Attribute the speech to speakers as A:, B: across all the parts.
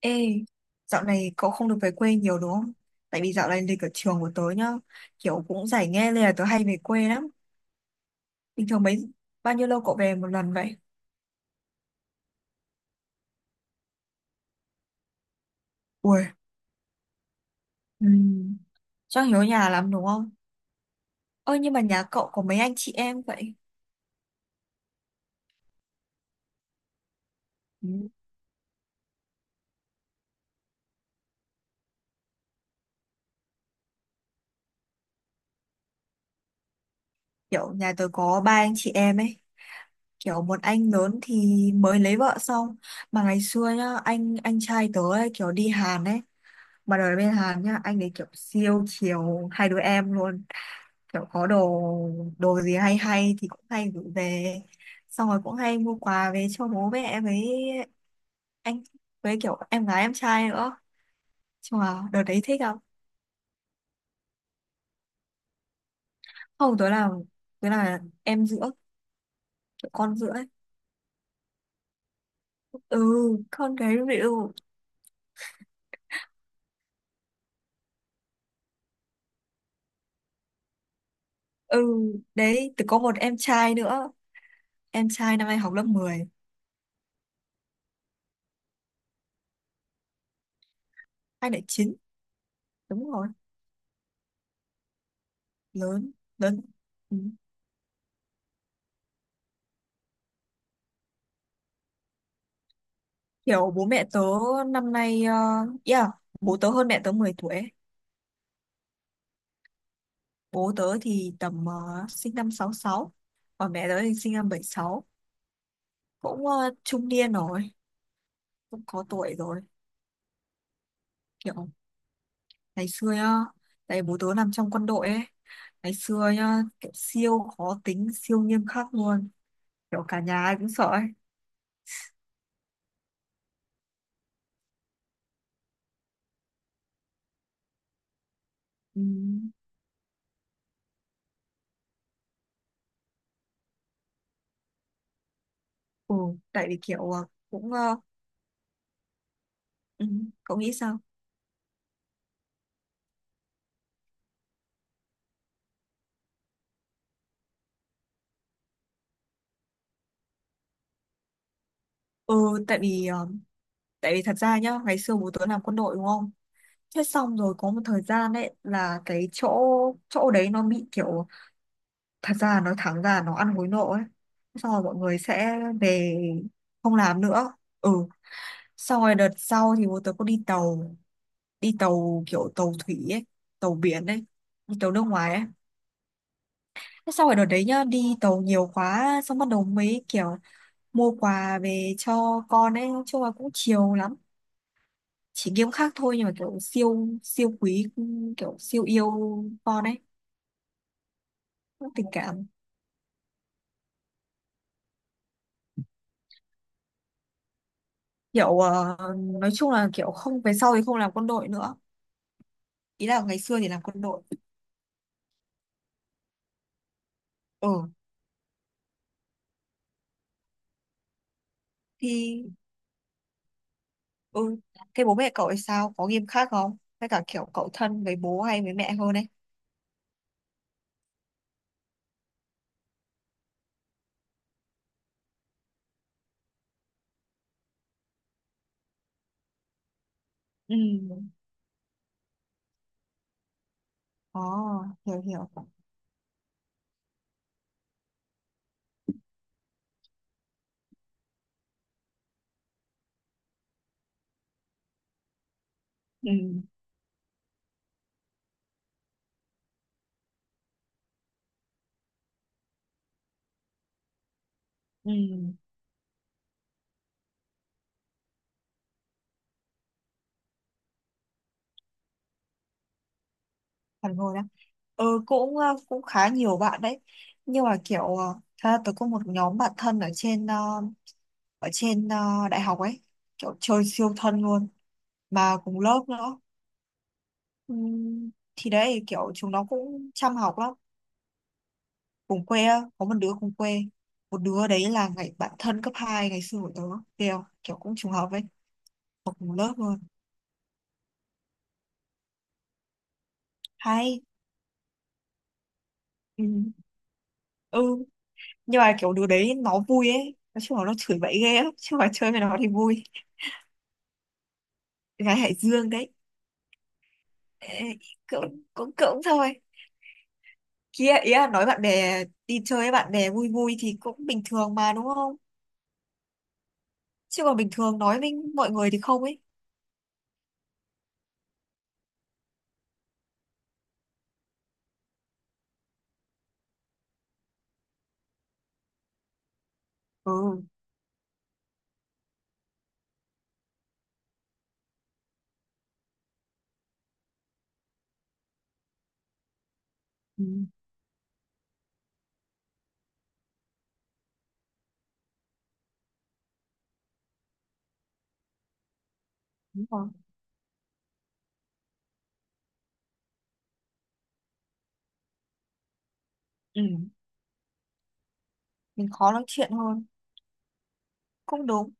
A: Ê, dạo này cậu không được về quê nhiều đúng không? Tại vì dạo này lịch ở trường của tớ nhá, kiểu cũng giải nghe nên là tớ hay về quê lắm. Bình thường mấy, bao nhiêu lâu cậu về một lần vậy? Ui, ừm, chắc nhớ nhà lắm đúng không? Ơ nhưng mà nhà cậu có mấy anh chị em vậy? Ừ, kiểu nhà tớ có ba anh chị em ấy, kiểu một anh lớn thì mới lấy vợ xong. Mà ngày xưa nhá, anh trai tớ ấy, kiểu đi Hàn ấy, mà đời bên Hàn nhá, anh ấy kiểu siêu chiều hai đứa em luôn. Kiểu có đồ đồ gì hay hay thì cũng hay gửi về, xong rồi cũng hay mua quà về cho bố mẹ với anh, với kiểu em gái em trai nữa. Chung là đợt đấy thích không? Không, tối là em giữa, kiểu con giữa ấy. Ừ, con gái ví dụ. Ừ, đấy từ có một em trai nữa, em trai năm nay học lớp 10. Anh lại chín. Đúng rồi. Lớn, lớn, ừ. Kiểu bố mẹ tớ năm nay, yeah, bố tớ hơn mẹ tớ 10 tuổi ấy. Bố tớ thì tầm sinh năm 1966, còn mẹ tớ thì sinh năm 1976. Cũng trung niên rồi, cũng có tuổi rồi. Kiểu ngày xưa nhá, tại bố tớ làm trong quân đội ấy, ngày xưa nhá, kiểu siêu khó tính, siêu nghiêm khắc luôn, kiểu cả nhà ai cũng sợ ấy. Ừ, ừ, tại vì kiểu cũng, ừ, cậu nghĩ sao? Ừ, tại vì, tại vì thật ra nhá, ngày xưa bố tớ làm quân đội đúng không? Thế xong rồi có một thời gian đấy là cái chỗ chỗ đấy nó bị kiểu, thật ra nói thẳng ra nó ăn hối lộ ấy, xong rồi mọi người sẽ về không làm nữa. Ừ, xong rồi đợt sau thì bố tớ có đi tàu, đi tàu kiểu tàu thủy ấy, tàu biển ấy, đi tàu nước ngoài ấy. Thế xong rồi đợt đấy nhá đi tàu nhiều quá xong bắt đầu mấy kiểu mua quà về cho con ấy, nói chung là cũng chiều lắm, chỉ nghiêm khắc thôi nhưng mà kiểu siêu siêu quý, kiểu siêu yêu con ấy, cũng tình cảm. Kiểu nói chung là kiểu không, về sau thì không làm quân đội nữa, ý là ngày xưa thì làm quân đội. Ừ, thì ừ, thế bố mẹ cậu thì sao, có nghiêm khắc không, hay cả kiểu cậu thân với bố hay với mẹ hơn ấy? Ừ. Ồ, hiểu hiểu. Ừ. Ừ, phản hồi đó. Ừ, cũng cũng khá nhiều bạn đấy, nhưng mà kiểu thật ra tôi có một nhóm bạn thân ở trên đại học ấy, kiểu chơi siêu thân luôn, mà cùng lớp nữa. Ừ, thì đấy kiểu chúng nó cũng chăm học lắm. Cùng quê á, có một đứa cùng quê, một đứa đấy là ngày bạn thân cấp 2 ngày xưa của tớ, kiểu kiểu cũng trùng hợp ấy, học cùng lớp luôn. Hay. Ừ. Ừ, nhưng mà kiểu đứa đấy nó vui ấy, nói chung là nó chửi bậy ghê lắm chứ, mà chơi với nó thì vui. Gái Hải Dương đấy. Ê, cũng cũng cũng thôi. Kia ý là nói bạn bè, đi chơi với bạn bè vui vui thì cũng bình thường mà đúng không? Chứ còn bình thường nói với mọi người thì không ấy. Ừ, ừ đúng rồi. Ừ, mình khó nói chuyện hơn. Cũng đúng.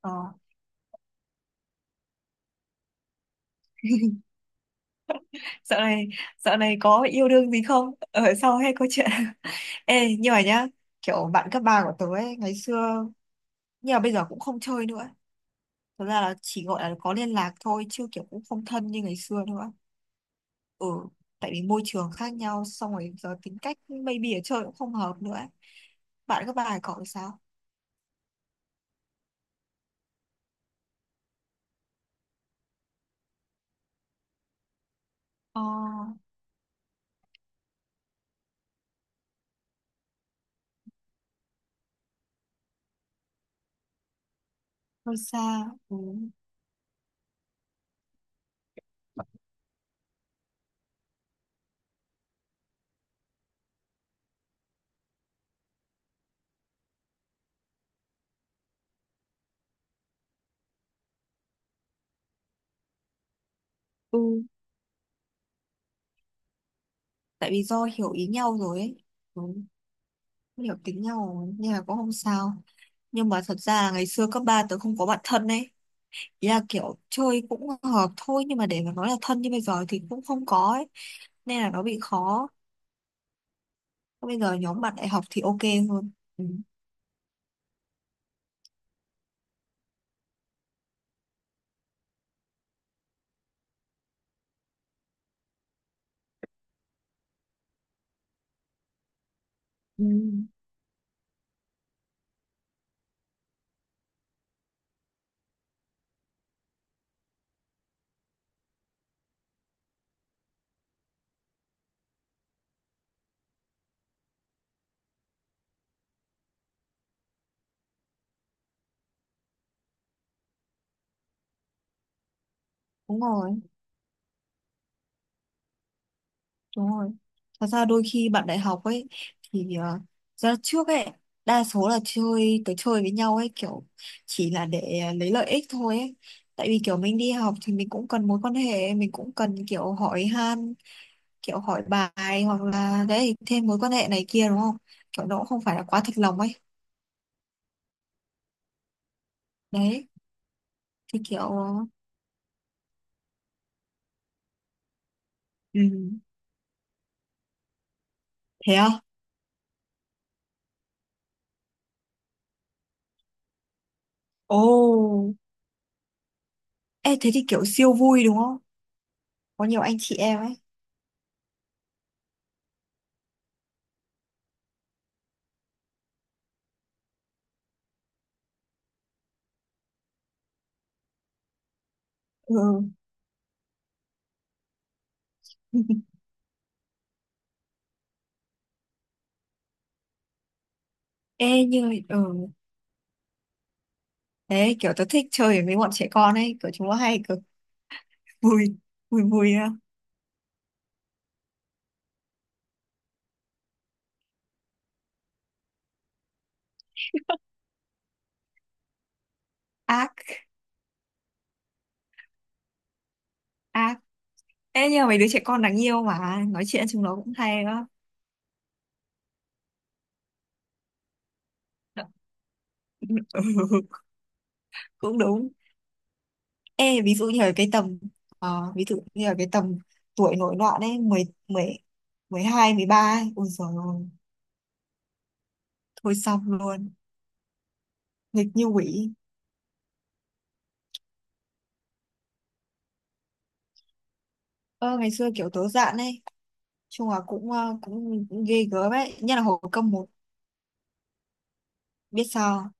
A: Ờ. dạo này Dạo này có yêu đương gì không ở sau hay có chuyện? Ê nhưng mà nhá, kiểu bạn cấp ba của tớ ấy ngày xưa, nhưng mà bây giờ cũng không chơi nữa, thật ra là chỉ gọi là có liên lạc thôi chứ kiểu cũng không thân như ngày xưa nữa. Ừ, tại vì môi trường khác nhau, xong rồi giờ tính cách maybe ở chơi cũng không hợp nữa ấy. Bạn cấp ba này cậu thì sao? Ờ, hơi xa. Ừ. Ừ, tại vì do hiểu ý nhau rồi ấy. Ừ. Hiểu tính nhau rồi, nên là cũng không sao. Nhưng mà thật ra là ngày xưa cấp 3 tớ không có bạn thân ấy. Ý là kiểu chơi cũng hợp thôi nhưng mà để mà nói là thân như bây giờ thì cũng không có ấy. Nên là nó bị khó. Bây giờ nhóm bạn đại học thì ok hơn. Ừ. Ừ. Đúng rồi, đúng rồi. Thật ra đôi khi bạn đại học ấy thì ra trước ấy đa số là chơi tới chơi với nhau ấy, kiểu chỉ là để lấy lợi ích thôi ấy. Tại vì kiểu mình đi học thì mình cũng cần mối quan hệ, mình cũng cần kiểu hỏi han, kiểu hỏi bài hoặc là đấy thêm mối quan hệ này kia đúng không? Kiểu nó cũng không phải là quá thật lòng ấy. Đấy thì kiểu ừ, thế à. Ồ. Ê thế thì kiểu siêu vui đúng không, có nhiều anh chị em ấy. Ừ. Ê như, ừ thế kiểu tớ thích chơi với bọn trẻ con ấy, kiểu chúng nó hay kiểu vui, vui vui á. Ác. Ác. Ê nhưng mà mấy đứa trẻ con đáng yêu mà, nói chuyện chúng nó cũng hay đó. Ừ, cũng đúng. Ê ví dụ như ở cái tầm ờ, Ví dụ như ở cái tầm tuổi nổi loạn ấy, mười mười 12 13 ấy, ôi giời ơi thôi xong luôn, nghịch như quỷ. Ơ ngày xưa kiểu tớ dạn ấy, chung là cũng cũng ghê gớm ấy, nhất là hồi cấp một. Biết sao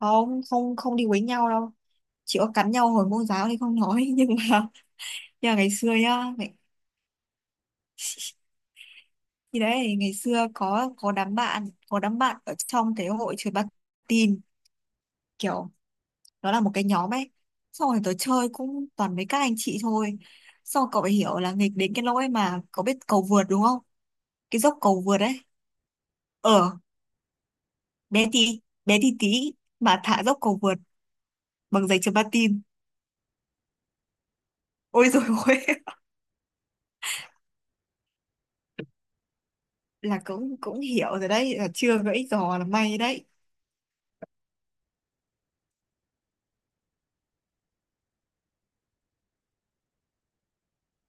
A: không? Không, không, đi quấy nhau đâu, chỉ có cắn nhau hồi môn giáo thì không nói. Nhưng mà ngày xưa nhá, thì đấy ngày xưa có đám bạn ở trong cái hội chơi bắn tin, kiểu nó là một cái nhóm ấy, xong rồi tớ chơi cũng toàn mấy các anh chị thôi. Xong rồi cậu phải hiểu là nghịch đến cái lỗi mà cậu biết cầu vượt đúng không? Cái dốc cầu vượt ấy. Ờ, bé tí, bé tí tí mà thả dốc cầu vượt bằng giày chấm patin. Ôi rồi ôi. Là cũng cũng hiểu rồi đấy, là chưa gãy giò là may đấy.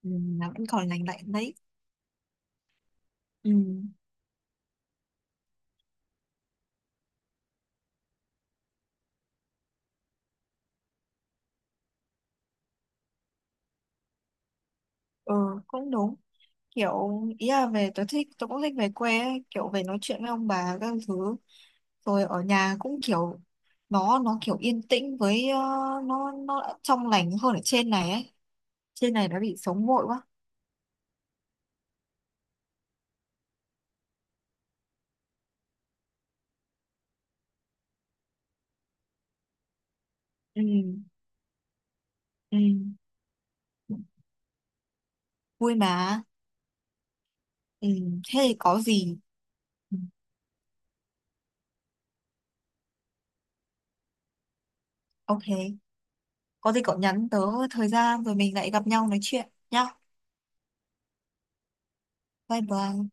A: Ừ, là vẫn còn lành lạnh đấy. Ừ, ừ cũng đúng. Kiểu ý là về tôi thích, tôi cũng thích về quê ấy, kiểu về nói chuyện với ông bà các thứ, rồi ở nhà cũng kiểu, nó kiểu yên tĩnh với nó đã trong lành hơn ở trên này ấy. Trên này đã bị sống vội quá. Ừ, ừ. Vui mà. Ừ, thế thì có gì? Ừ, ok, có gì cậu nhắn tớ, thời gian rồi mình lại gặp nhau nói chuyện nhá. Bye bye.